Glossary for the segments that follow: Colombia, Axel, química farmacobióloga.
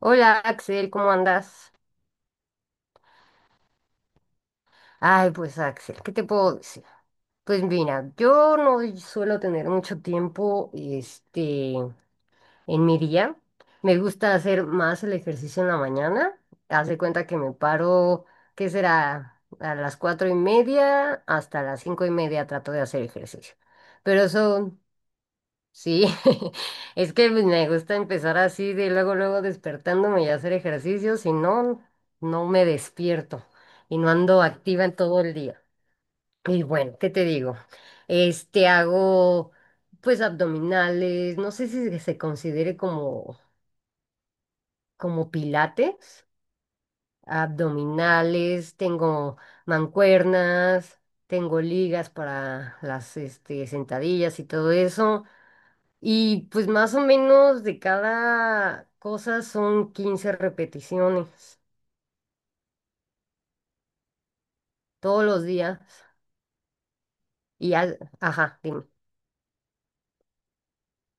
Hola Axel, ¿cómo andas? Ay, pues Axel, ¿qué te puedo decir? Pues mira, yo no suelo tener mucho tiempo, en mi día. Me gusta hacer más el ejercicio en la mañana. Haz de cuenta que me paro, ¿qué será? A las 4:30 hasta las 5:30 trato de hacer ejercicio. Pero son sí, es que me gusta empezar así de luego, luego despertándome y hacer ejercicio, si no, no me despierto y no ando activa en todo el día. Y bueno, ¿qué te digo? Hago pues abdominales, no sé si se considere como, como pilates, abdominales, tengo mancuernas, tengo ligas para las sentadillas y todo eso. Y pues más o menos de cada cosa son 15 repeticiones todos los días. Ajá, dime,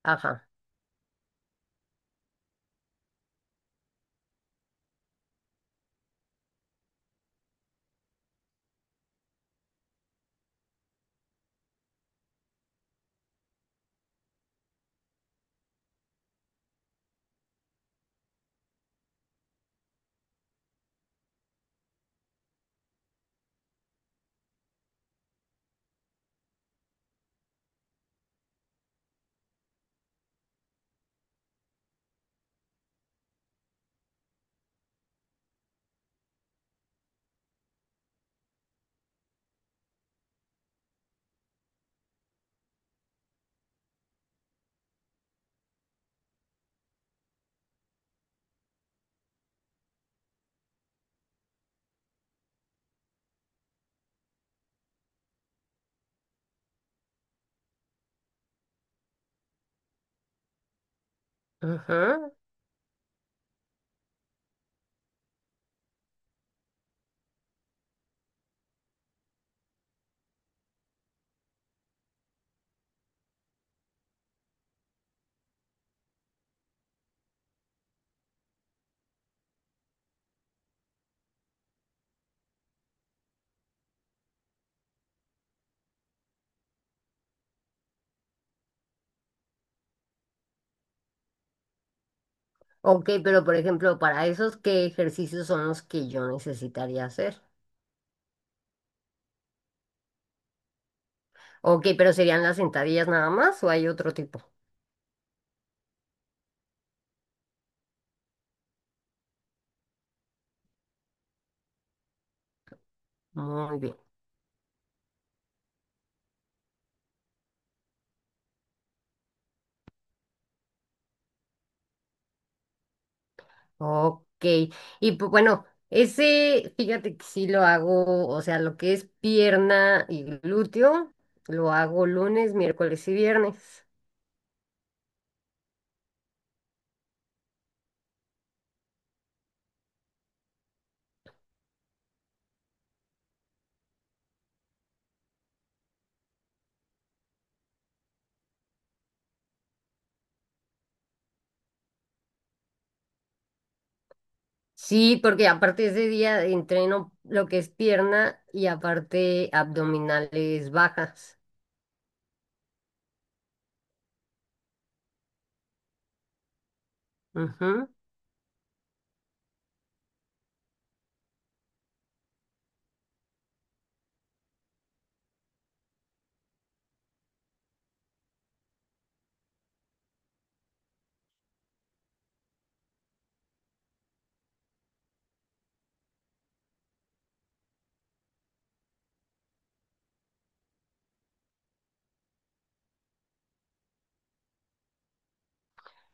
ajá. Ajá. Ok, pero por ejemplo, para esos, ¿qué ejercicios son los que yo necesitaría hacer? Ok, pero ¿serían las sentadillas nada más o hay otro tipo? Muy bien. Ok. Y pues bueno, ese, fíjate que sí lo hago, o sea, lo que es pierna y glúteo, lo hago lunes, miércoles y viernes. Sí, porque aparte ese día entreno lo que es pierna y aparte abdominales bajas. Ujú.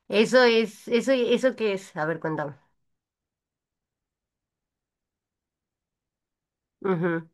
Eso es, eso, ¿eso qué es? A ver, cuéntame. Ujú.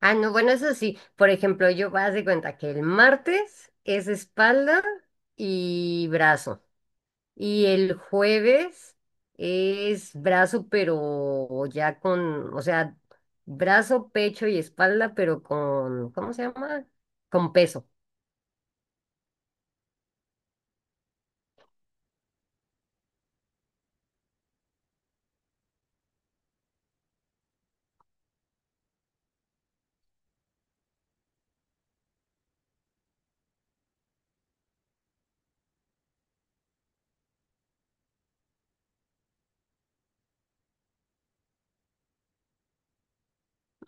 Ah, no, bueno, eso sí. Por ejemplo, yo haz de cuenta que el martes es espalda y brazo. Y el jueves es brazo, pero ya con, o sea, brazo, pecho y espalda, pero con, ¿cómo se llama? Con peso.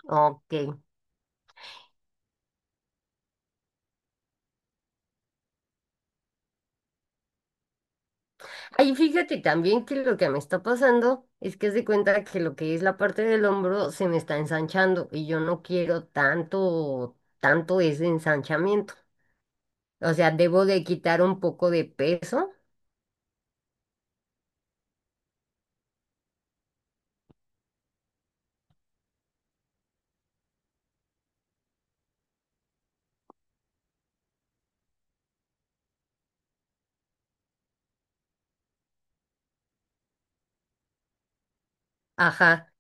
Ok. Ay, fíjate también que lo que me está pasando es que haz de cuenta que lo que es la parte del hombro se me está ensanchando y yo no quiero tanto, tanto ese ensanchamiento. O sea, debo de quitar un poco de peso. Ajá.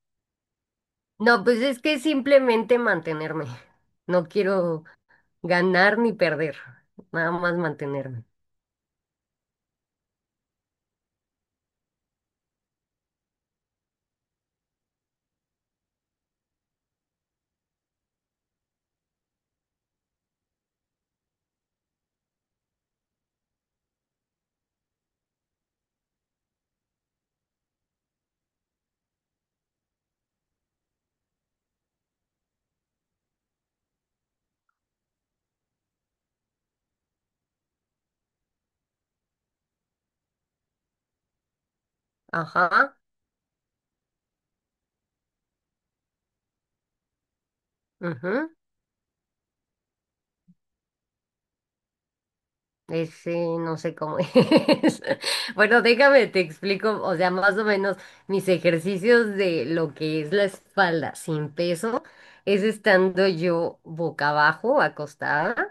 No, pues es que simplemente mantenerme. No quiero ganar ni perder. Nada más mantenerme. Ajá. Ujú. Ese no sé cómo es. Bueno, déjame, te explico, o sea, más o menos mis ejercicios de lo que es la espalda sin peso es estando yo boca abajo, acostada.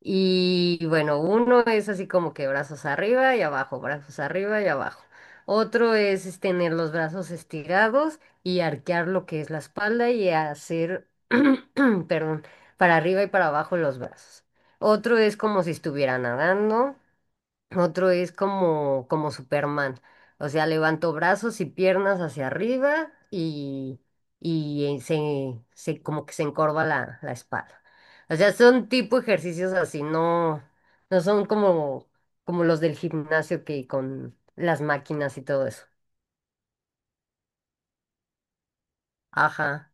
Y bueno, uno es así como que brazos arriba y abajo, brazos arriba y abajo. Otro es tener los brazos estirados y arquear lo que es la espalda y hacer, perdón, para arriba y para abajo los brazos. Otro es como si estuviera nadando. Otro es como, como Superman. O sea, levanto brazos y piernas hacia arriba y, y como que se encorva la espalda. O sea, son tipo ejercicios así, no, no son como, como los del gimnasio que con las máquinas y todo eso. Ajá.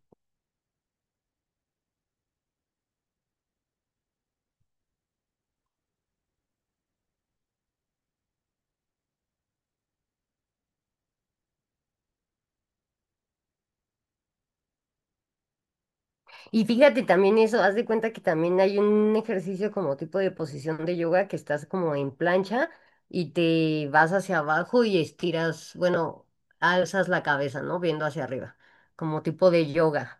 Y fíjate también eso, haz de cuenta que también hay un ejercicio como tipo de posición de yoga que estás como en plancha y te vas hacia abajo y estiras, bueno, alzas la cabeza, ¿no? Viendo hacia arriba, como tipo de yoga.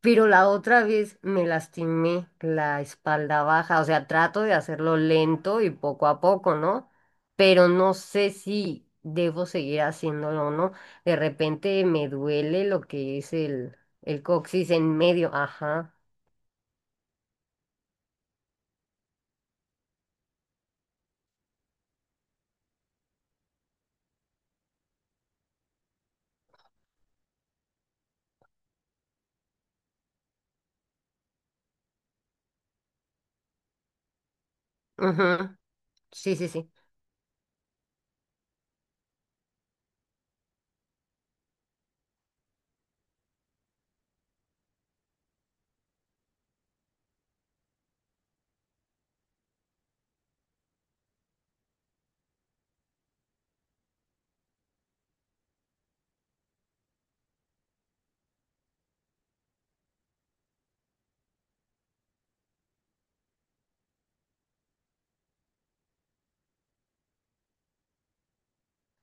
Pero la otra vez me lastimé la espalda baja, o sea, trato de hacerlo lento y poco a poco, ¿no? Pero no sé si debo seguir haciéndolo o no. De repente me duele lo que es el coxis en medio, ajá. Ujú. Sí, sí, sí.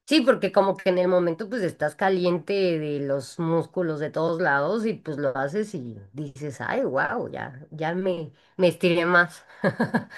Sí, porque como que en el momento pues estás caliente de los músculos de todos lados y pues lo haces y dices, ay, wow, ya, me estiré más.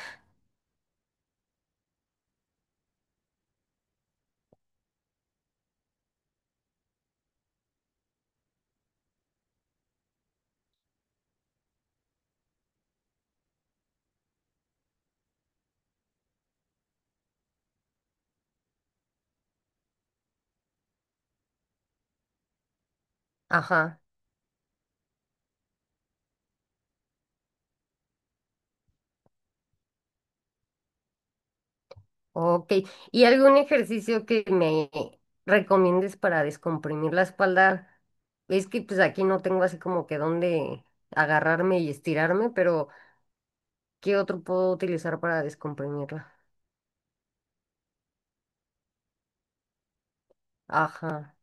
Ajá, ok. ¿Y algún ejercicio que me recomiendes para descomprimir la espalda? Es que pues aquí no tengo así como que dónde agarrarme y estirarme, pero ¿qué otro puedo utilizar para descomprimirla? Ajá.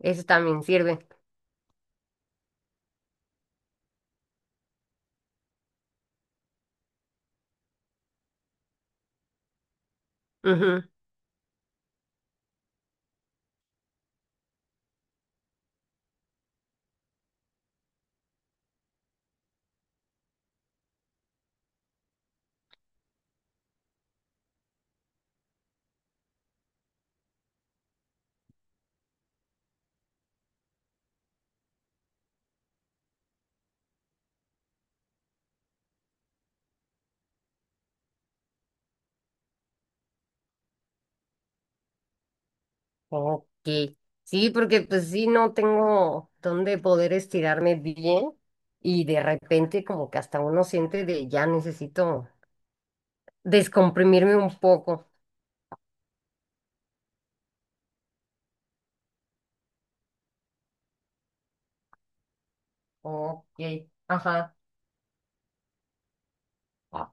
Eso también sirve. Ujú. Ok. Sí, porque pues sí, no tengo dónde poder estirarme bien y de repente como que hasta uno siente de ya necesito descomprimirme un poco. Ok, ajá. Ah,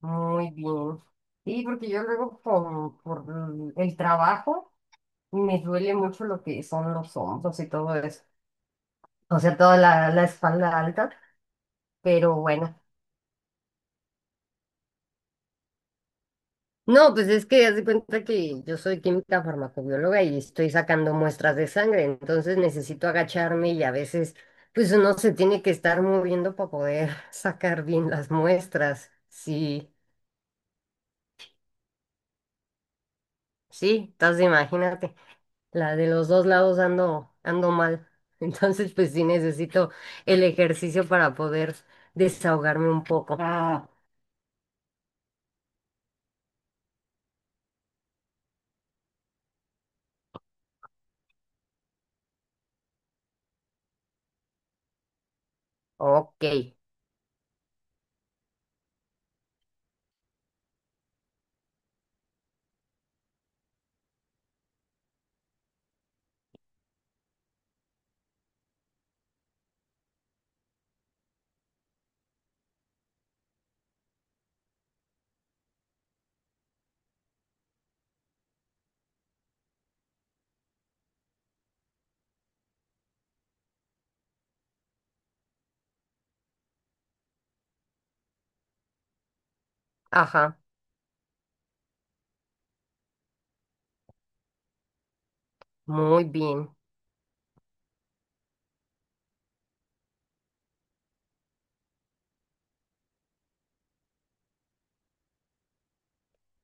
muy bien. Sí, porque yo luego por el trabajo me duele mucho lo que son los hombros y todo eso. O sea, toda la espalda alta, pero bueno. No, pues es que haz de cuenta que yo soy química farmacobióloga y estoy sacando muestras de sangre, entonces necesito agacharme y a veces pues uno se tiene que estar moviendo para poder sacar bien las muestras. Sí, sí, entonces imagínate, la de los dos lados ando, ando mal. Entonces pues sí necesito el ejercicio para poder desahogarme un poco. Ah. Ok, ajá, muy bien.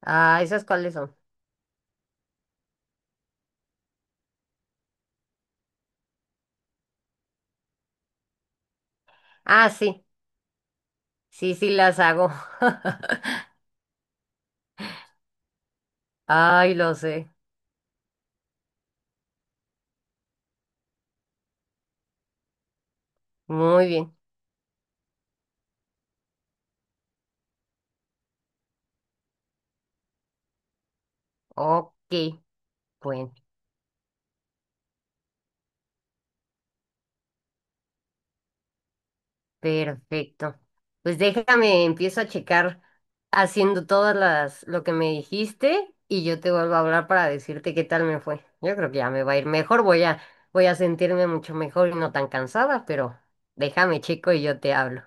Ah, ¿esas cuáles son? Ah, sí. Sí, sí las hago. Ay, lo sé. Muy bien. Ok, bueno, perfecto. Pues déjame, empiezo a checar haciendo todas las lo que me dijiste y yo te vuelvo a hablar para decirte qué tal me fue. Yo creo que ya me va a ir mejor, voy a sentirme mucho mejor y no tan cansada, pero déjame checo y yo te hablo.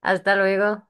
Hasta luego.